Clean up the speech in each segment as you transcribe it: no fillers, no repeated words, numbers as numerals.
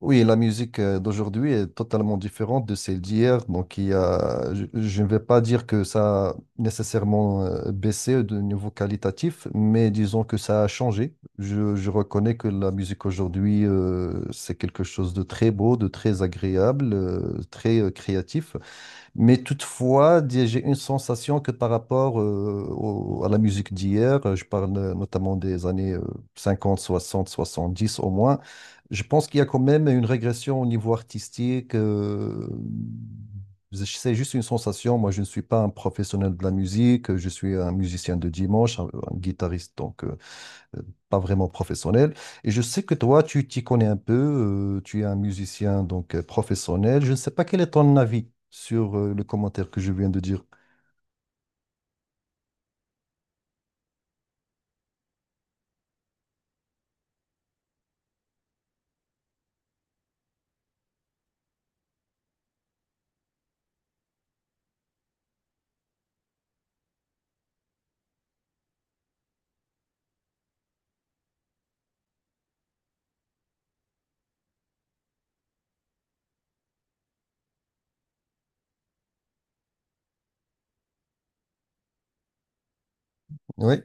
Oui, la musique d'aujourd'hui est totalement différente de celle d'hier. Donc, il y a, je ne vais pas dire que ça a nécessairement baissé de niveau qualitatif, mais disons que ça a changé. Je reconnais que la musique aujourd'hui, c'est quelque chose de très beau, de très agréable, très créatif. Mais toutefois, j'ai une sensation que par rapport à la musique d'hier, je parle notamment des années 50, 60, 70 au moins, je pense qu'il y a quand même une régression au niveau artistique. C'est juste une sensation. Moi, je ne suis pas un professionnel de la musique, je suis un musicien de dimanche, un guitariste donc. Euh, pas vraiment professionnel. Et je sais que toi, tu t'y connais un peu, tu es un musicien donc professionnel. Je ne sais pas quel est ton avis sur le commentaire que je viens de dire. Oui.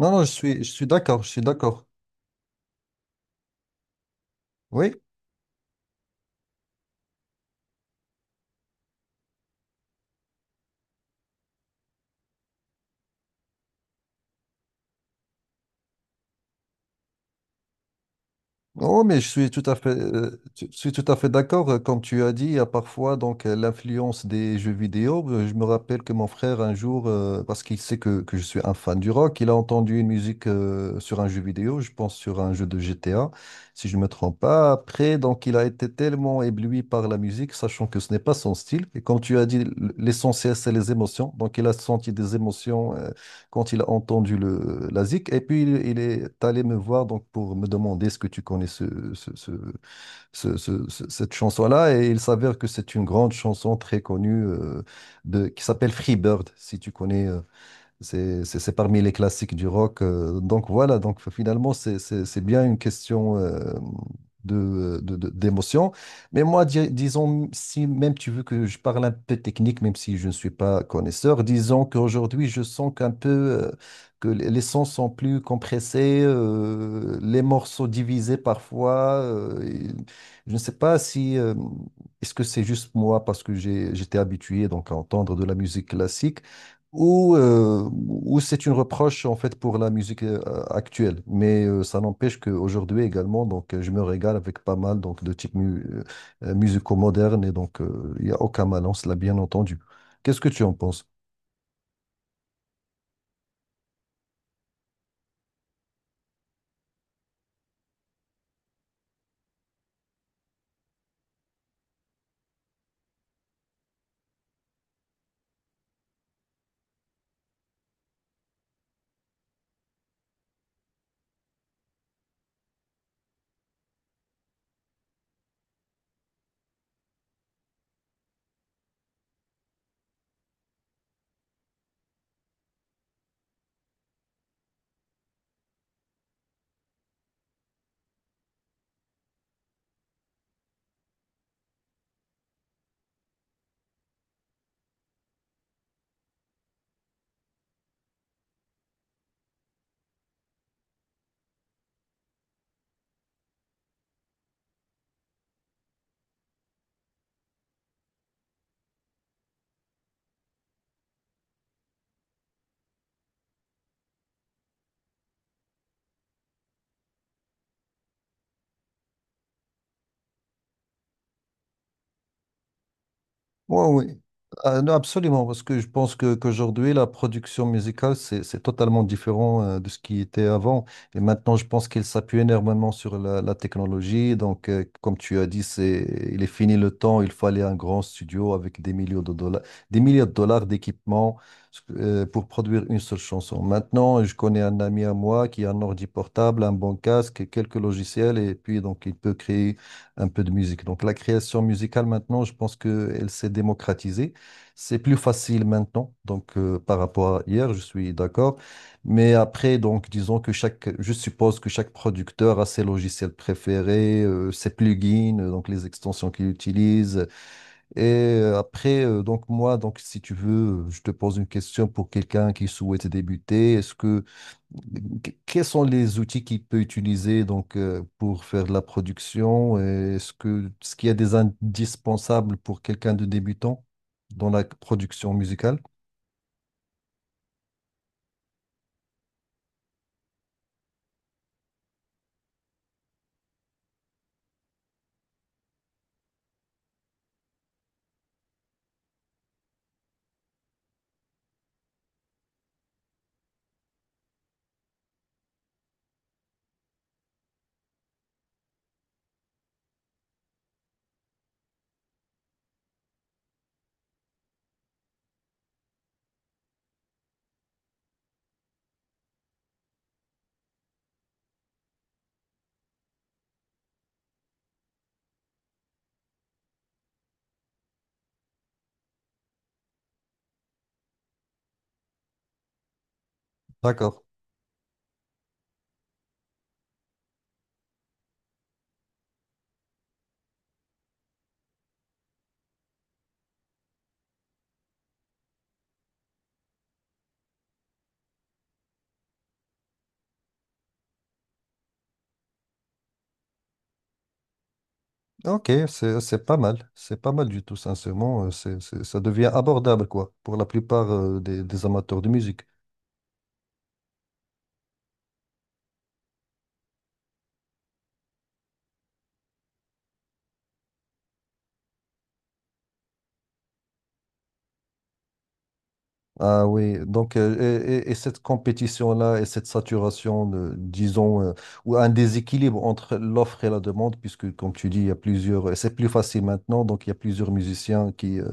Non, non, je suis d'accord, je suis d'accord. Oui. Oh, mais je suis tout à fait d'accord. Comme tu as dit, il y a parfois donc l'influence des jeux vidéo. Je me rappelle que mon frère un jour, parce qu'il sait que je suis un fan du rock, il a entendu une musique sur un jeu vidéo, je pense sur un jeu de GTA, si je ne me trompe pas. Après, donc il a été tellement ébloui par la musique, sachant que ce n'est pas son style. Et comme tu as dit, l'essentiel c'est les émotions. Donc il a senti des émotions quand il a entendu la zik, et puis il est allé me voir donc pour me demander est-ce que tu connais ce- ce- cette chanson-là, et il s'avère que c'est une grande chanson très connue, qui s'appelle Free Bird, si tu connais. C'est parmi les classiques du rock. Donc voilà, donc finalement, c'est bien une question d'émotion. Mais moi, disons, si même tu veux que je parle un peu technique, même si je ne suis pas connaisseur, disons qu'aujourd'hui, je sens qu'un peu que les sons sont plus compressés, les morceaux divisés parfois. Et je ne sais pas si... est-ce que c'est juste moi parce que j'étais habitué donc à entendre de la musique classique? Ou, ou c'est une reproche en fait pour la musique actuelle. Mais ça n'empêche qu'aujourd'hui également, donc je me régale avec pas mal donc de types musicaux modernes et donc il n'y a aucun malin, cela bien entendu. Qu'est-ce que tu en penses? Oui, oui. Ah, non, absolument, parce que je pense que qu'aujourd'hui, la production musicale, c'est totalement différent de ce qui était avant. Et maintenant, je pense qu'il s'appuie énormément sur la technologie. Donc, comme tu as dit, il est fini le temps, il fallait un grand studio avec des millions de dollars, des milliards de dollars d'équipement pour produire une seule chanson. Maintenant, je connais un ami à moi qui a un ordi portable, un bon casque, quelques logiciels, et puis donc, il peut créer un peu de musique. Donc la création musicale maintenant, je pense qu'elle s'est démocratisée. C'est plus facile maintenant, donc par rapport à hier, je suis d'accord. Mais après, donc disons que je suppose que chaque producteur a ses logiciels préférés, ses plugins, donc les extensions qu'il utilise, et après, donc moi, donc si tu veux, je te pose une question pour quelqu'un qui souhaite débuter. Est-ce que quels sont les outils qu'il peut utiliser donc pour faire de la production? Et est-ce qu'il y a des indispensables pour quelqu'un de débutant dans la production musicale? D'accord. Ok, c'est pas mal. C'est pas mal du tout, sincèrement. Ça devient abordable quoi pour la plupart des amateurs de musique. Ah oui, donc et cette compétition-là et cette saturation, de, disons, ou un déséquilibre entre l'offre et la demande, puisque comme tu dis, il y a plusieurs, c'est plus facile maintenant, donc il y a plusieurs musiciens euh,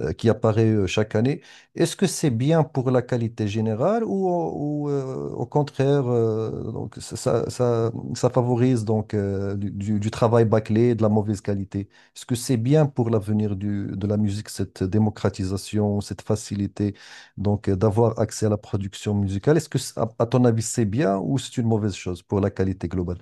euh, qui apparaît chaque année. Est-ce que c'est bien pour la qualité générale ou, au contraire, donc, ça favorise donc, du travail bâclé et de la mauvaise qualité? Est-ce que c'est bien pour l'avenir de la musique, cette démocratisation, cette facilité donc d'avoir accès à la production musicale? Est-ce que, à ton avis, c'est bien ou c'est une mauvaise chose pour la qualité globale?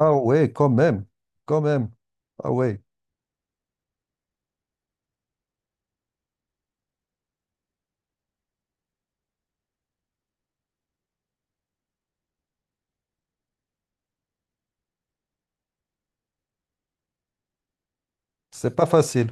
Ah ouais, quand même, quand même. Ah ouais, c'est pas facile.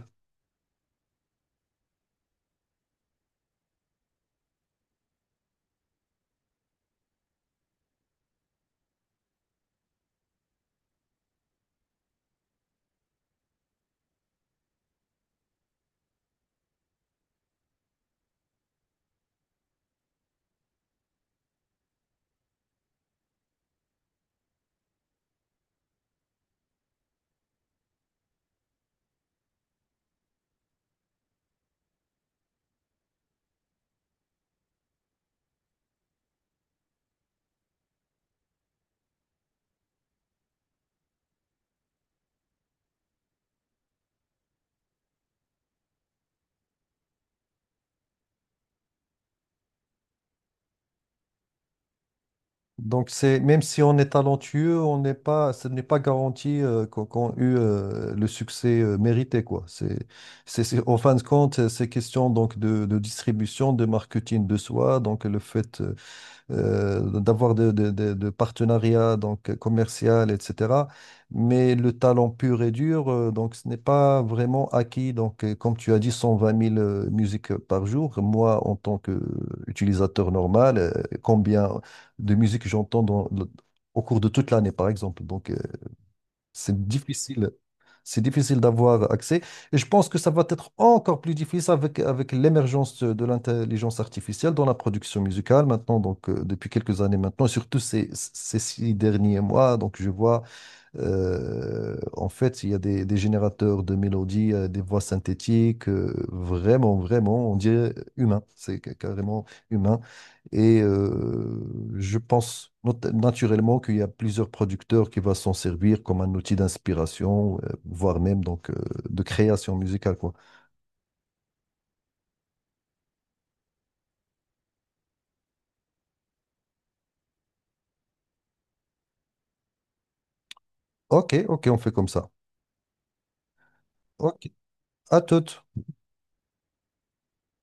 Donc c'est même si on est talentueux, on n'est pas, ce n'est pas garanti qu'on eut le succès mérité quoi. En fin de compte, c'est question donc de distribution, de marketing de soi. Donc le fait, d'avoir de partenariats donc commercial, etc. Mais le talent pur et dur, donc ce n'est pas vraiment acquis. Donc, comme tu as dit, 120 000 musiques par jour. Moi, en tant qu'utilisateur normal, combien de musiques j'entends au cours de toute l'année, par exemple. Donc, c'est difficile. C'est difficile d'avoir accès. Et je pense que ça va être encore plus difficile avec l'émergence de l'intelligence artificielle dans la production musicale maintenant, donc depuis quelques années maintenant, et surtout ces 6 derniers mois. Donc je vois en fait, il y a des générateurs de mélodies, des voix synthétiques, vraiment, vraiment, on dirait humain, carrément humain. Et je pense naturellement qu'il y a plusieurs producteurs qui vont s'en servir comme un outil d'inspiration, voire même donc de création musicale, quoi. Ok, ok, on fait comme ça. Ok, à toutes.